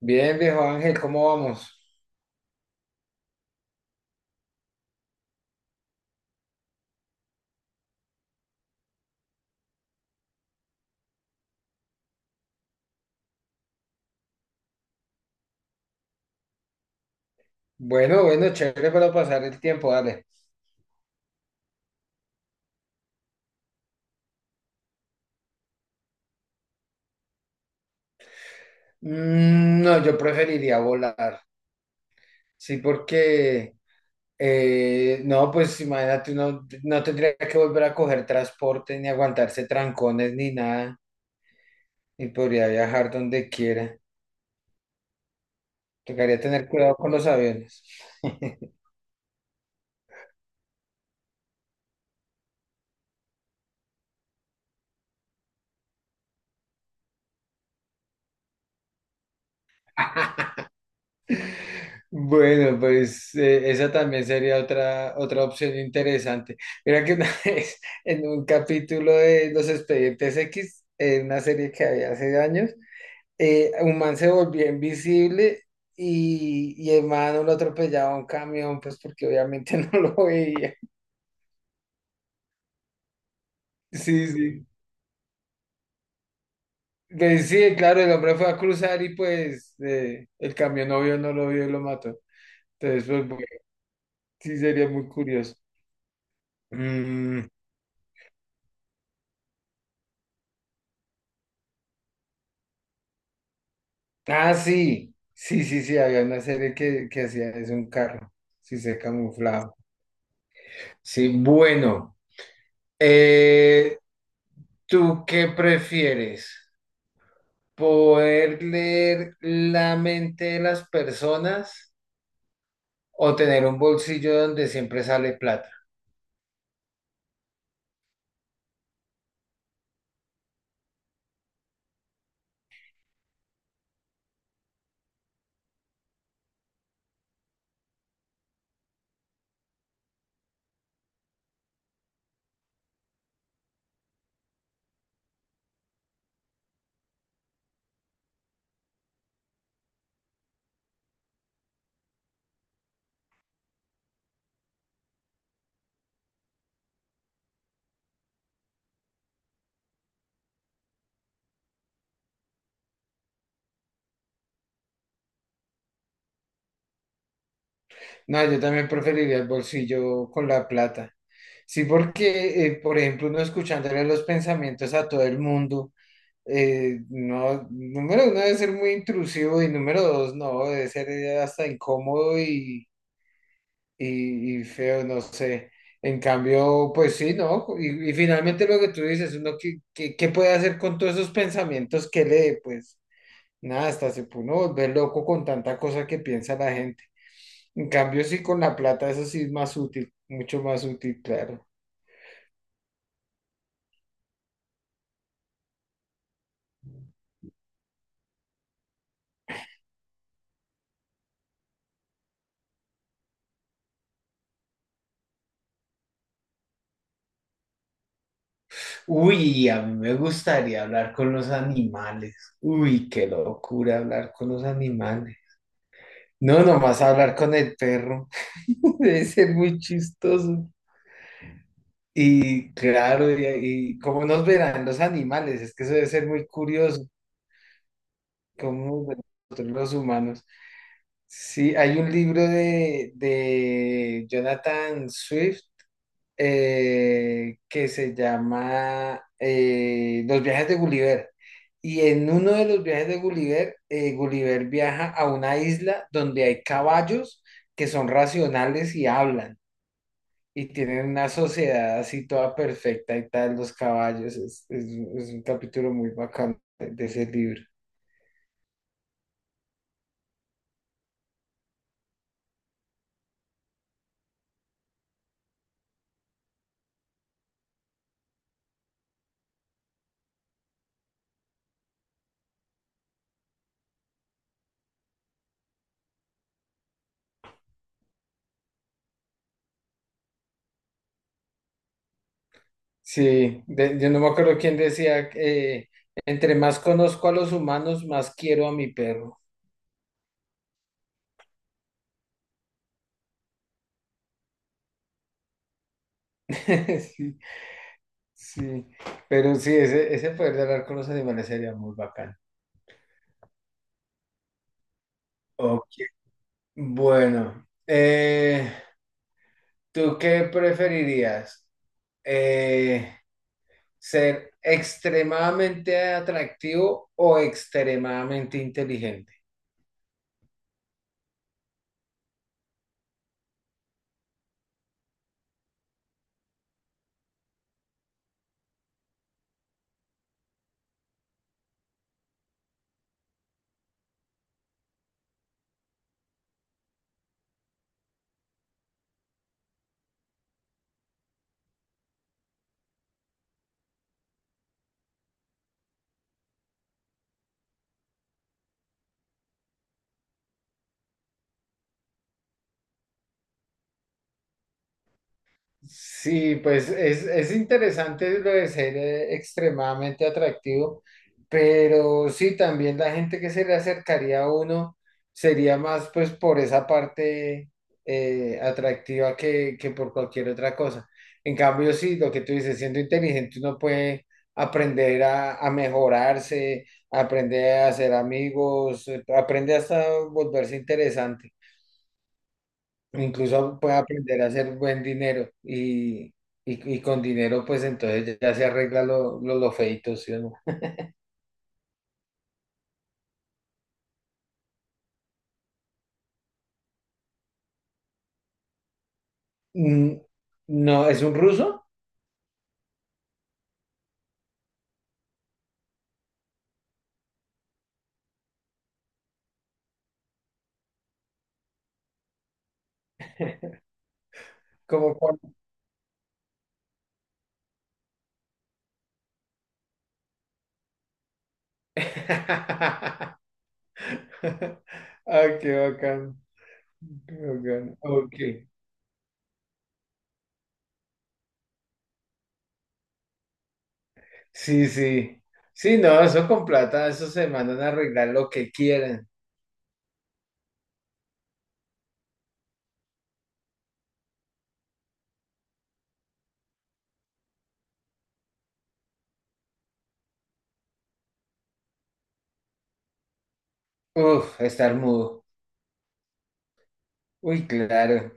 Bien, viejo Ángel, ¿cómo vamos? Bueno, bueno, chévere para pasar el tiempo, dale. Mm, no, yo preferiría volar. Sí, porque, no, pues imagínate, uno no tendría que volver a coger transporte, ni aguantarse trancones, ni nada, y podría viajar donde quiera. Tocaría tener cuidado con los aviones. Bueno, pues esa también sería otra opción interesante. Mira que una vez en un capítulo de Los Expedientes X, en una serie que había hace años, un man se volvió invisible y el man lo atropellaba un camión, pues porque obviamente no lo veía. Sí, sí. Pues sí, claro, el hombre fue a cruzar y pues el camión no vio, no lo vio y lo mató. Entonces, pues bueno, sí sería muy curioso. Mm. Ah, sí, sí, sí, sí, había una serie que hacía eso, un carro, sí, se camuflaba. Sí, bueno, eh, ¿tú qué prefieres? ¿Poder leer la mente de las personas o tener un bolsillo donde siempre sale plata? No, yo también preferiría el bolsillo con la plata. Sí, porque, por ejemplo, uno escuchándole los pensamientos a todo el mundo. No, número uno debe ser muy intrusivo y número dos no, debe ser hasta incómodo y, y feo, no sé. En cambio, pues sí, ¿no? Y finalmente lo que tú dices, uno qué, qué, qué puede hacer con todos esos pensamientos que lee, pues nada, hasta se puede uno volver loco con tanta cosa que piensa la gente. En cambio, sí, con la plata, eso sí es más útil, mucho más útil, claro. Uy, a mí me gustaría hablar con los animales. Uy, qué locura hablar con los animales. No, nomás hablar con el perro. Debe ser muy chistoso. Y claro, y cómo nos verán los animales, es que eso debe ser muy curioso, cómo nos ven nosotros los humanos. Sí, hay un libro de Jonathan Swift que se llama Los viajes de Gulliver. Y en uno de los viajes de Gulliver, Gulliver viaja a una isla donde hay caballos que son racionales y hablan. Y tienen una sociedad así toda perfecta y tal, los caballos. Es, es un capítulo muy bacán de ese libro. Sí, yo no me acuerdo quién decía, entre más conozco a los humanos, más quiero a mi perro. Sí, pero sí, ese poder de hablar con los animales sería muy bacán. Ok. Bueno, ¿tú qué preferirías? Eh, ¿Ser extremadamente atractivo o extremadamente inteligente? Sí, pues es interesante lo de ser extremadamente atractivo, pero sí, también la gente que se le acercaría a uno sería más pues por esa parte atractiva que por cualquier otra cosa. En cambio, sí, lo que tú dices, siendo inteligente uno puede aprender a mejorarse, aprender a hacer amigos, aprende hasta volverse interesante. Incluso puede aprender a hacer buen dinero y con dinero pues entonces ya se arregla lo feíto, ¿sí o no? Mm. No, ¿es un ruso? Como cuando... Ah, qué bacán. Qué bacán. Ok. Sí, sí. Sí, no, eso con plata, eso se mandan a arreglar lo que quieran. Uf, estar mudo. Uy, claro.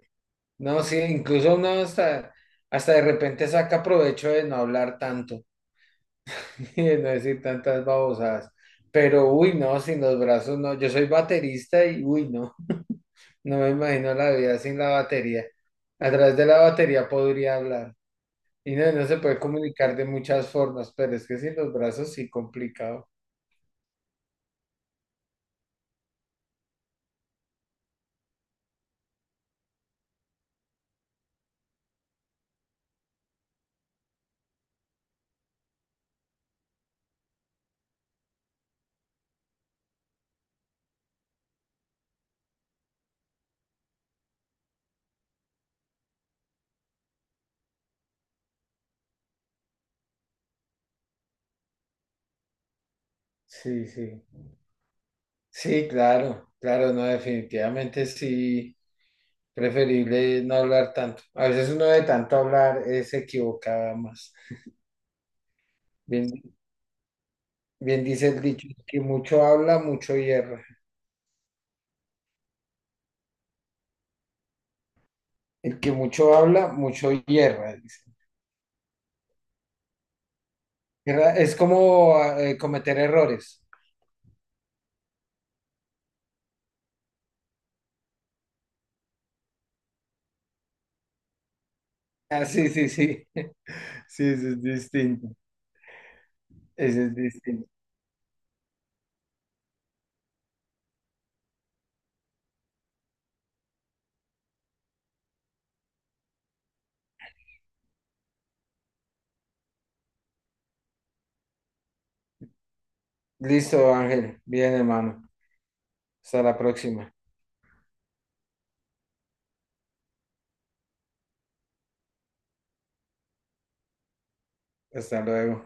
No, sí, incluso uno hasta, hasta de repente saca provecho de no hablar tanto. No decir tantas babosadas. Pero uy, no, sin los brazos no. Yo soy baterista y uy, no. No me imagino la vida sin la batería. A través de la batería podría hablar. Y no, no se puede comunicar de muchas formas, pero es que sin los brazos sí complicado. Sí, sí. Sí, claro, claro, no, definitivamente sí. Preferible no hablar tanto. A veces uno de tanto hablar se equivoca más. Bien. Bien dice el dicho, el que mucho habla, mucho hierra. El que mucho habla, mucho hierra, dice. Hierra es como cometer errores. Ah, sí, sí, sí. Sí, eso es distinto. Eso es distinto. Listo, Ángel. Bien, hermano. Hasta la próxima. Hasta luego.